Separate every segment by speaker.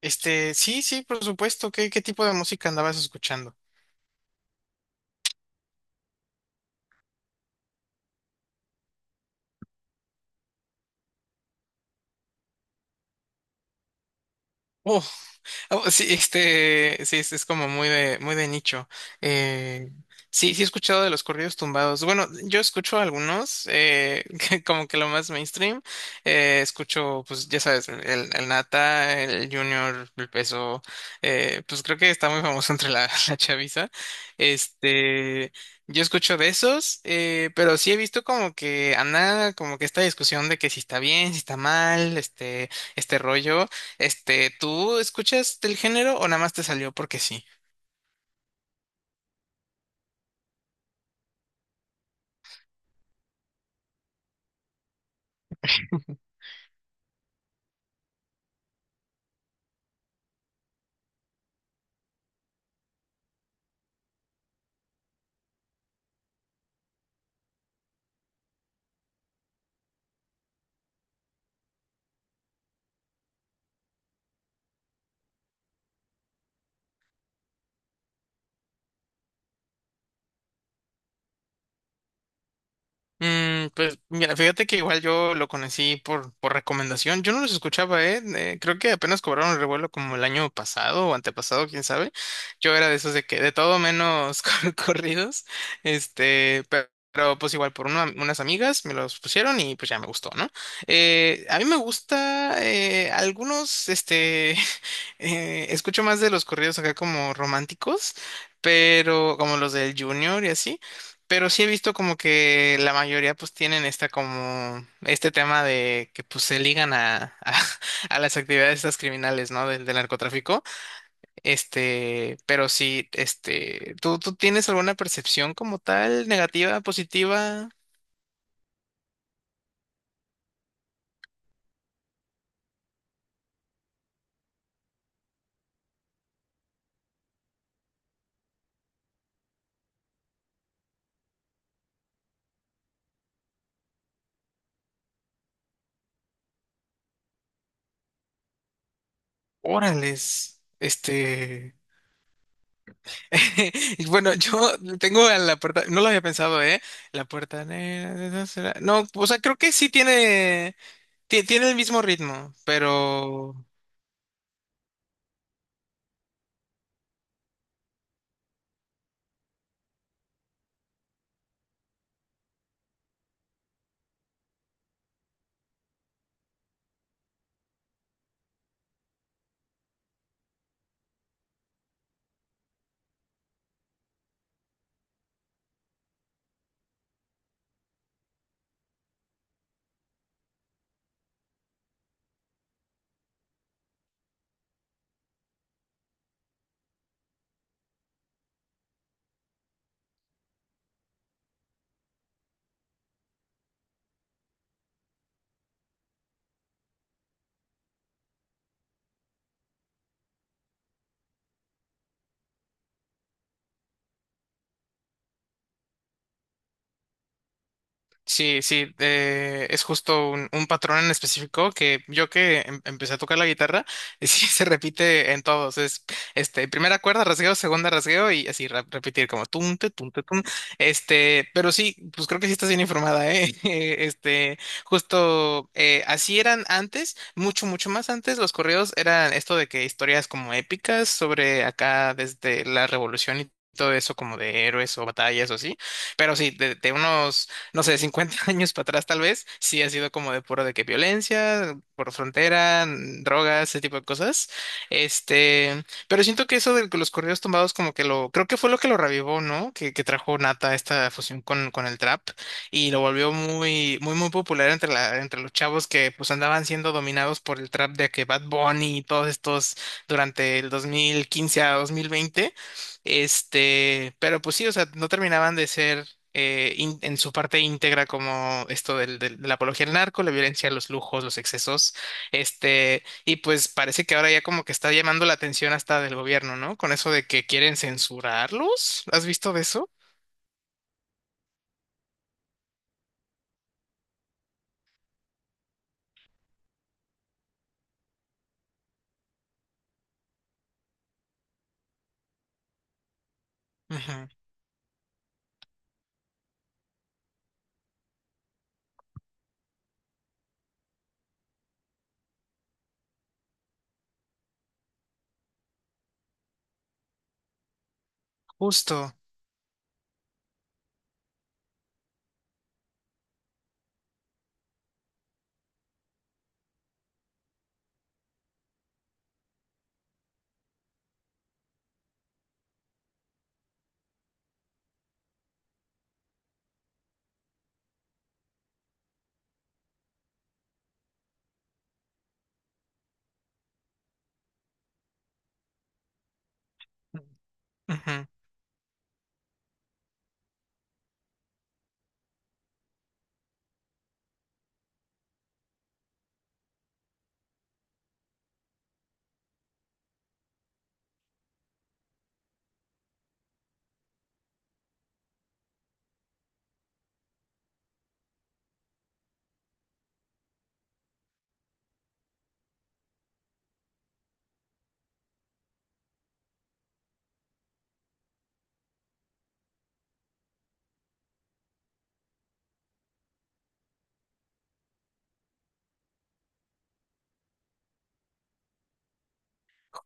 Speaker 1: Sí, sí, por supuesto. ¿Qué, qué tipo de música andabas escuchando? Oh. Oh, sí, sí, es como muy de nicho. Eh, sí, sí he escuchado de los corridos tumbados. Bueno, yo escucho algunos, que como que lo más mainstream. Escucho, pues, ya sabes, el Nata, el Junior, el Peso. Pues creo que está muy famoso entre la chaviza. Este, yo escucho de esos, pero sí he visto como que anda, como que esta discusión de que si está bien, si está mal, este rollo. ¿Tú escuchas del género o nada más te salió porque sí? Pues mira, fíjate que igual yo lo conocí por recomendación. Yo no los escuchaba, ¿eh? Creo que apenas cobraron el revuelo como el año pasado o antepasado, quién sabe. Yo era de esos de que de todo menos corridos. Pero, pues igual por unas amigas me los pusieron y pues ya me gustó, ¿no? A mí me gusta algunos, escucho más de los corridos acá como románticos. Pero como los del Junior y así, pero sí he visto como que la mayoría pues tienen esta como este tema de que pues se ligan a, a las actividades estas criminales, ¿no? Del, del narcotráfico. Pero sí, ¿tú, tú tienes alguna percepción como tal, negativa, positiva? Órales, y bueno, yo tengo a la puerta, no lo había pensado, ¿eh? La puerta negra, de esa no, o sea, creo que sí tiene, tiene el mismo ritmo, pero sí, sí, es justo un patrón en específico que yo que empecé a tocar la guitarra, sí se repite en todos. Es este primera cuerda, rasgueo, segunda rasgueo y así repetir como tunte, tunte, tum. Pero sí, pues creo que sí estás bien informada, ¿eh? Justo así eran antes, mucho, mucho más antes. Los correos eran esto de que historias como épicas sobre acá desde la revolución y todo eso como de héroes o batallas o así. Pero sí, de unos no sé, 50 años para atrás tal vez, sí ha sido como de puro de que violencia, por frontera, drogas, ese tipo de cosas. Pero siento que eso de los corridos tumbados como que lo, creo que fue lo que lo revivó, ¿no? Que trajo Nata esta fusión con el trap y lo volvió muy, muy, muy popular entre la, entre los chavos que pues andaban siendo dominados por el trap de que Bad Bunny y todos estos durante el 2015 a 2020. Pero pues sí, o sea, no terminaban de ser en su parte íntegra como esto del, de la apología al narco, la violencia, los lujos, los excesos, y pues parece que ahora ya como que está llamando la atención hasta del gobierno, ¿no? Con eso de que quieren censurarlos, ¿has visto de eso? Ujú. Justo. Ujú.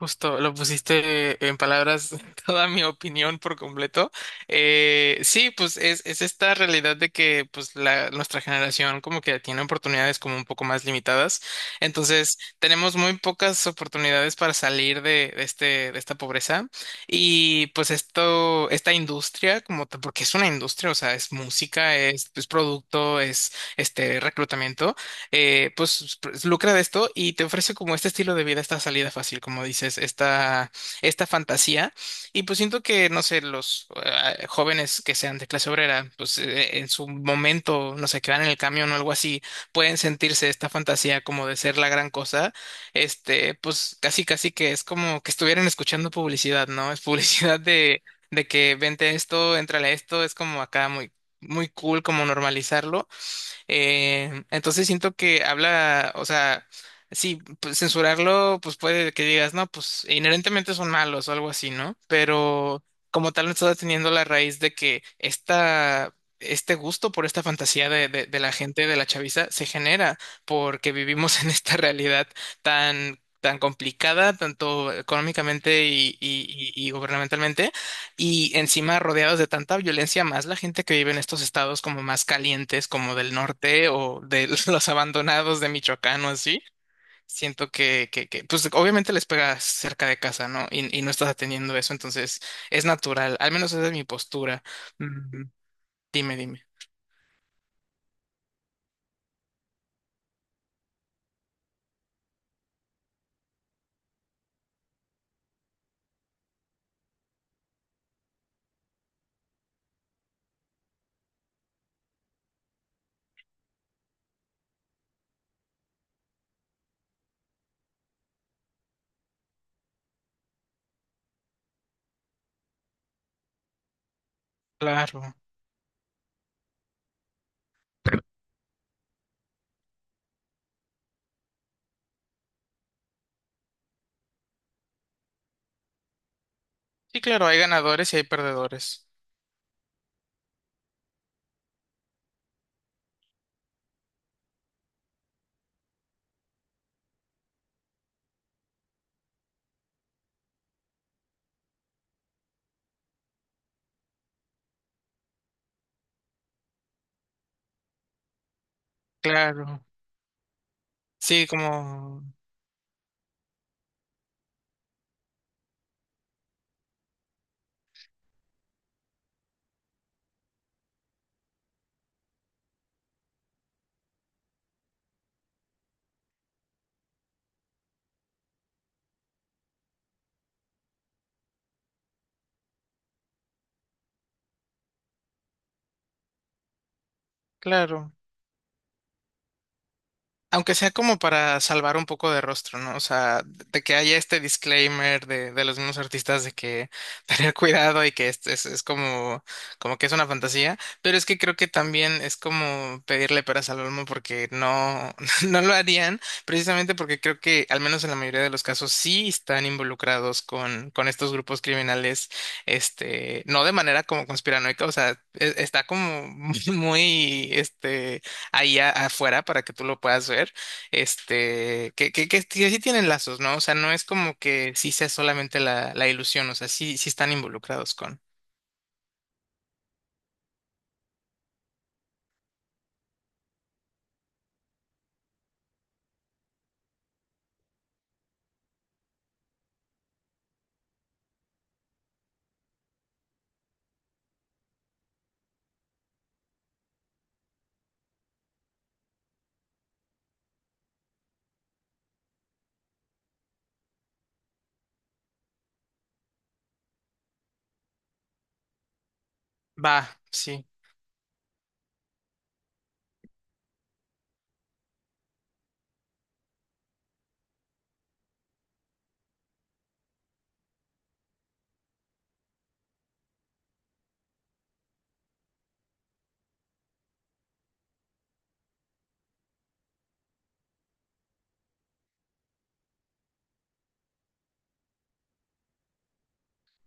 Speaker 1: Justo, lo pusiste en palabras toda mi opinión por completo. Sí, pues es esta realidad de que pues la, nuestra generación como que tiene oportunidades como un poco más limitadas. Entonces, tenemos muy pocas oportunidades para salir de este, de esta pobreza. Y pues esto, esta industria, como porque es una industria, o sea, es música, es producto, es este reclutamiento pues lucra de esto y te ofrece como este estilo de vida, esta salida fácil, como dices, esta fantasía. Y pues siento que, no sé, los jóvenes que sean de clase obrera, pues en su momento, no sé, que van en el camión o algo así, pueden sentirse esta fantasía como de ser la gran cosa. Pues casi, casi que es como que estuvieran escuchando publicidad, ¿no? Es publicidad de que vente esto, entrale a esto, es como acá muy, muy cool como normalizarlo. Entonces siento que habla, o sea, sí, pues, censurarlo, pues puede que digas, no, pues inherentemente son malos o algo así, ¿no? Pero como tal, no está teniendo la raíz de que esta, este gusto por esta fantasía de la gente, de la chaviza, se genera porque vivimos en esta realidad tan tan complicada, tanto económicamente y, y gubernamentalmente, y encima rodeados de tanta violencia, más la gente que vive en estos estados como más calientes, como del norte o de los abandonados de Michoacán o así, siento que, pues obviamente les pega cerca de casa, ¿no? Y no estás atendiendo eso, entonces es natural, al menos esa es mi postura. Mm, Dime, dime. Claro. Sí, claro, hay ganadores y hay perdedores. Claro. Sí, como, claro. Aunque sea como para salvar un poco de rostro, ¿no? O sea, de que haya este disclaimer de los mismos artistas de que tener cuidado y que es como, como que es una fantasía, pero es que creo que también es como pedirle peras al olmo porque no, no lo harían, precisamente porque creo que al menos en la mayoría de los casos sí están involucrados con estos grupos criminales, no de manera como conspiranoica, o sea, está como muy, ahí afuera para que tú lo puedas ver, que sí tienen lazos, ¿no? O sea, no es como que sí sea solamente la, la ilusión, o sea, sí, sí están involucrados con. Va, sí.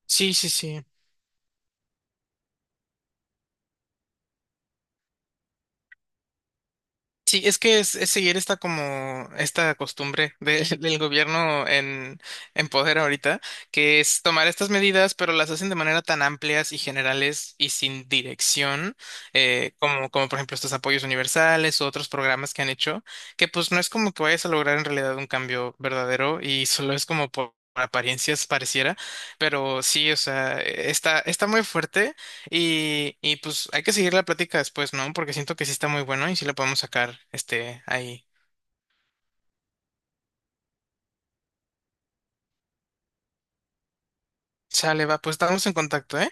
Speaker 1: Sí, sí, sí. Sí, es que es seguir esta como esta costumbre del gobierno en poder ahorita, que es tomar estas medidas, pero las hacen de manera tan amplias y generales y sin dirección, como, como por ejemplo estos apoyos universales u otros programas que han hecho, que pues no es como que vayas a lograr en realidad un cambio verdadero y solo es como por apariencias pareciera, pero sí, o sea, está, está muy fuerte y pues hay que seguir la plática después, ¿no? Porque siento que sí está muy bueno y sí la podemos sacar, ahí. Sale, va, pues estamos en contacto, ¿eh?